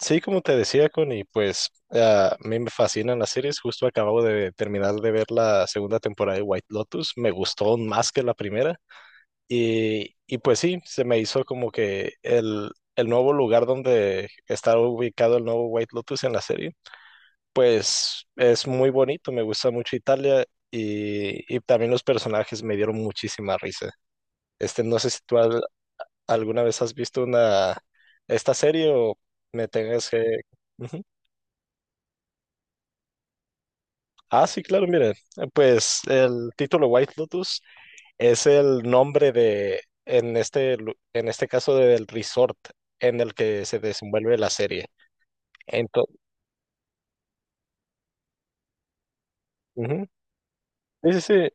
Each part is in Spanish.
Sí, como te decía, Connie, pues a mí me fascinan las series. Justo acabo de terminar de ver la segunda temporada de White Lotus. Me gustó aún más que la primera. Y pues sí, se me hizo como que el nuevo lugar donde está ubicado el nuevo White Lotus en la serie, pues es muy bonito. Me gusta mucho Italia y también los personajes me dieron muchísima risa. Este, no sé si alguna vez has visto una, esta serie o me tengas que... Ah, sí, claro, mire, pues el título White Lotus es el nombre de, en en este caso, del resort en el que se desenvuelve la serie. Entonces, sí, sí, sí,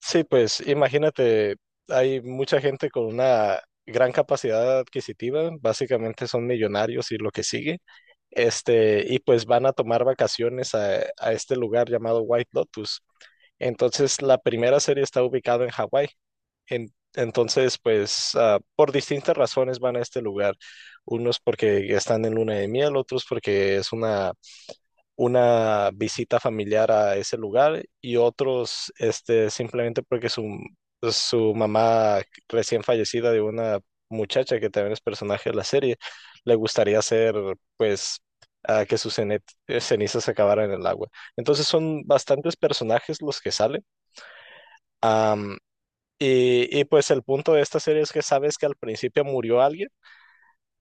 sí, pues imagínate, hay mucha gente con una gran capacidad adquisitiva, básicamente son millonarios y lo que sigue, este, y pues van a tomar vacaciones a este lugar llamado White Lotus. Entonces, la primera serie está ubicada en Hawái. Entonces, pues por distintas razones van a este lugar. Unos porque están en luna de miel, otros porque es una visita familiar a ese lugar y otros este, simplemente porque su mamá recién fallecida de una muchacha que también es personaje de la serie, le gustaría hacer pues que sus cenizas se acabaran en el agua. Entonces son bastantes personajes los que salen. Y pues el punto de esta serie es que sabes que al principio murió alguien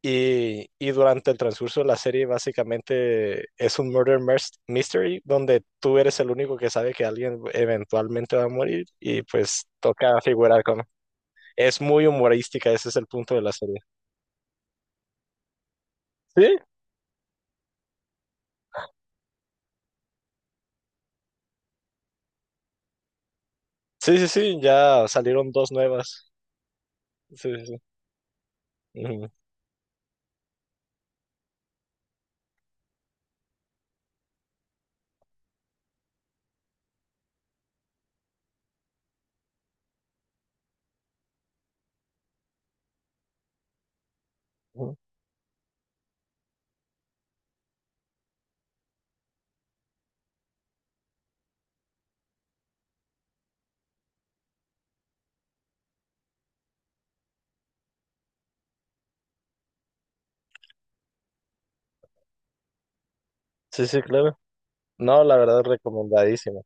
y durante el transcurso de la serie básicamente es un mystery donde tú eres el único que sabe que alguien eventualmente va a morir y pues toca figurar con... Es muy humorística, ese es el punto de la serie. Sí, sí, ya salieron dos nuevas. Sí, sí, sí. Ujú, ujú. Sí, sí, claro. No, la verdad, recomendadísima.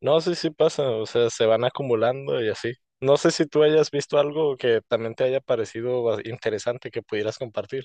No, sí, sí pasa, o sea, se van acumulando y así. No sé si tú hayas visto algo que también te haya parecido interesante que pudieras compartir.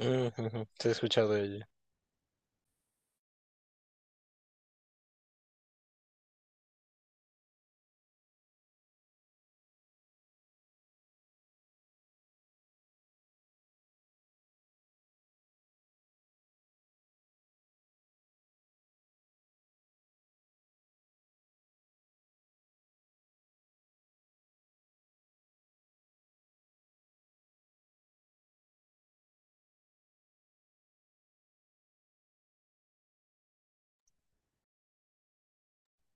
Mm, ujú, sí, he escuchado de ella.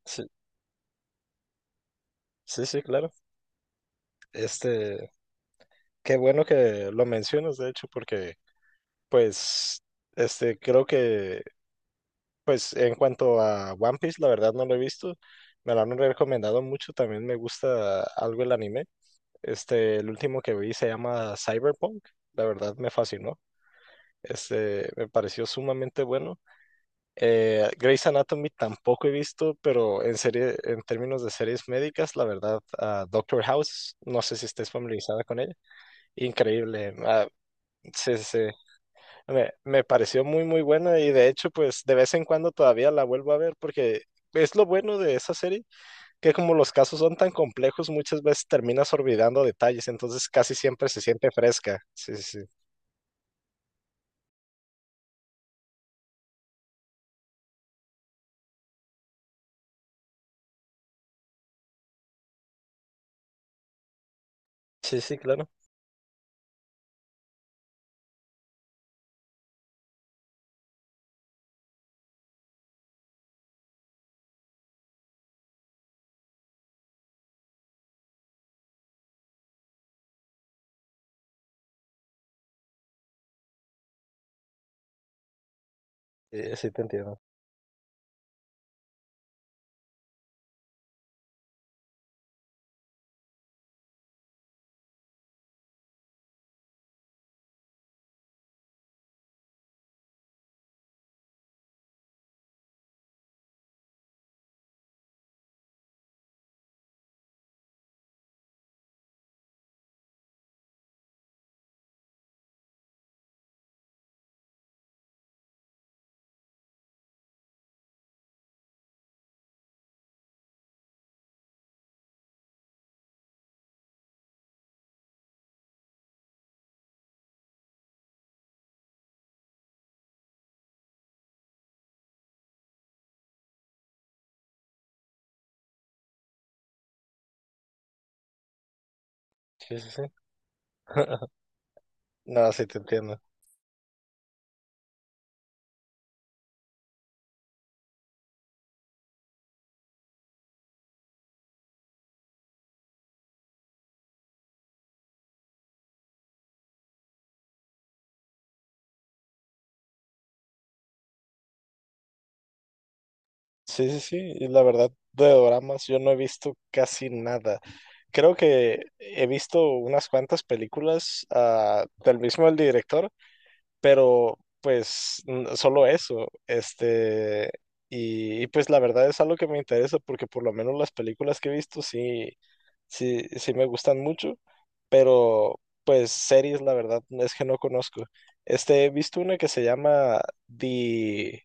Sí, sí, sí, claro. Este, qué bueno que lo mencionas, de hecho, porque, pues, este, creo que, pues, en cuanto a One Piece, la verdad no lo he visto. Me lo han recomendado mucho, también me gusta algo el anime. Este, el último que vi se llama Cyberpunk, la verdad me fascinó. Este, me pareció sumamente bueno. Grey's Anatomy tampoco he visto, pero en serie, en términos de series médicas, la verdad, Doctor House, no sé si estés familiarizada con ella. Increíble. Sí, sí, sí. Me pareció muy buena y de hecho, pues de vez en cuando todavía la vuelvo a ver porque es lo bueno de esa serie, que como los casos son tan complejos, muchas veces terminas olvidando detalles, entonces casi siempre se siente fresca. Sí, sí, sí. Sí, sí, claro. Sí, sí, te entiendo. Sí, sí, sí. No, sí te entiendo. Sí, sí, sí. Y la verdad, de doramas yo no he visto casi nada. Creo que he visto unas cuantas películas del mismo el director, pero pues solo eso. Este, y pues la verdad es algo que me interesa porque por lo menos las películas que he visto sí, sí me gustan mucho, pero pues series la verdad es que no conozco. Este, he visto una que se llama The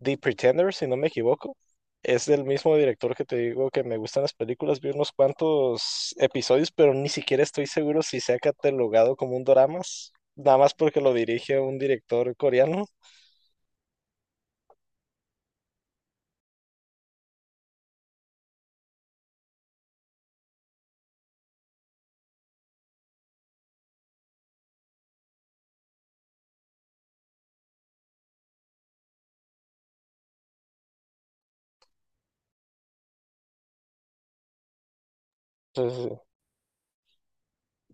The Pretender, si no me equivoco. Es del mismo director que te digo que me gustan las películas. Vi unos cuantos episodios, pero ni siquiera estoy seguro si se ha catalogado como un drama, nada más porque lo dirige un director coreano. Sí, sí,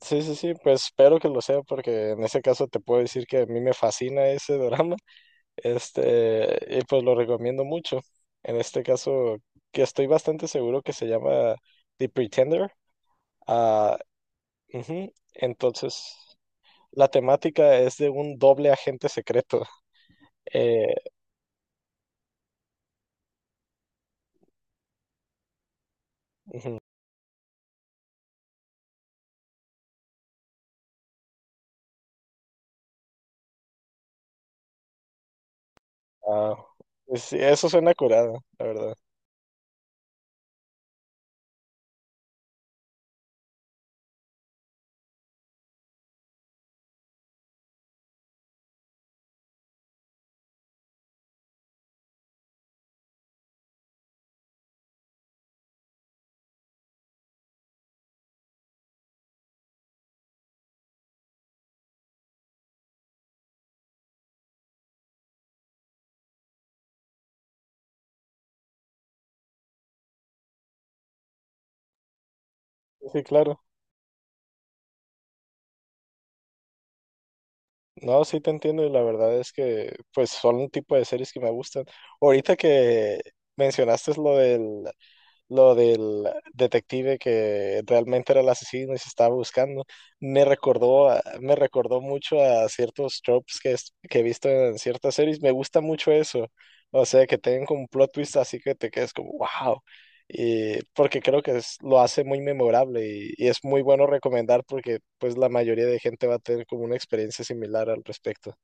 sí, sí, sí, sí, pues espero que lo sea porque en ese caso te puedo decir que a mí me fascina ese drama. Este, y pues lo recomiendo mucho. En este caso, que estoy bastante seguro que se llama The Pretender. Ah, ujú. Entonces, la temática es de un doble agente secreto. Eh, ujú. Ah, pues sí, eso suena curado, la verdad. Sí, claro. No, sí te entiendo y la verdad es que pues son un tipo de series que me gustan. Ahorita que mencionaste lo del detective que realmente era el asesino y se estaba buscando, me recordó, me recordó mucho a ciertos tropes que he visto en ciertas series. Me gusta mucho eso. O sea, que tengan como un plot twist así que te quedes como, wow y porque creo que lo hace muy memorable y es muy bueno recomendar porque pues la mayoría de gente va a tener como una experiencia similar al respecto.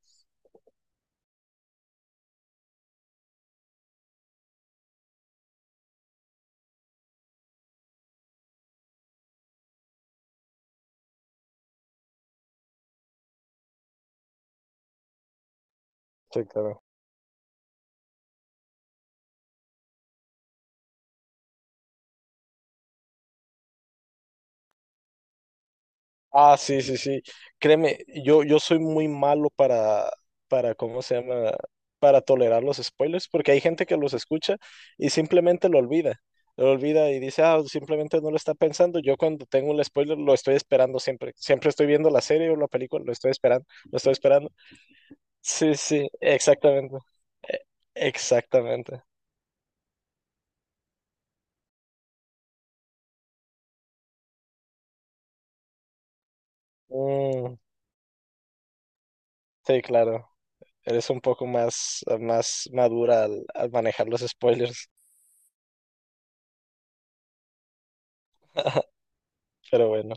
Sí, claro. Ah, sí, sí, sí. Créeme, yo soy muy malo para, ¿cómo se llama? Para tolerar los spoilers, porque hay gente que los escucha y simplemente lo olvida. Lo olvida y dice, ah, simplemente no lo está pensando. Yo cuando tengo un spoiler lo estoy esperando siempre. Siempre estoy viendo la serie o la película, lo estoy esperando, lo estoy esperando. Sí, sí, exactamente. E- exactamente. Mm, sí, claro. Eres un poco más, más madura al manejar los spoilers. Pero bueno.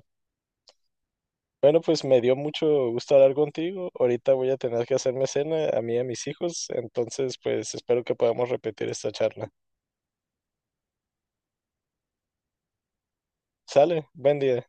Bueno, pues me dio mucho gusto hablar contigo. Ahorita voy a tener que hacerme cena a mí y a mis hijos, entonces pues espero que podamos repetir esta charla. Sale, buen día.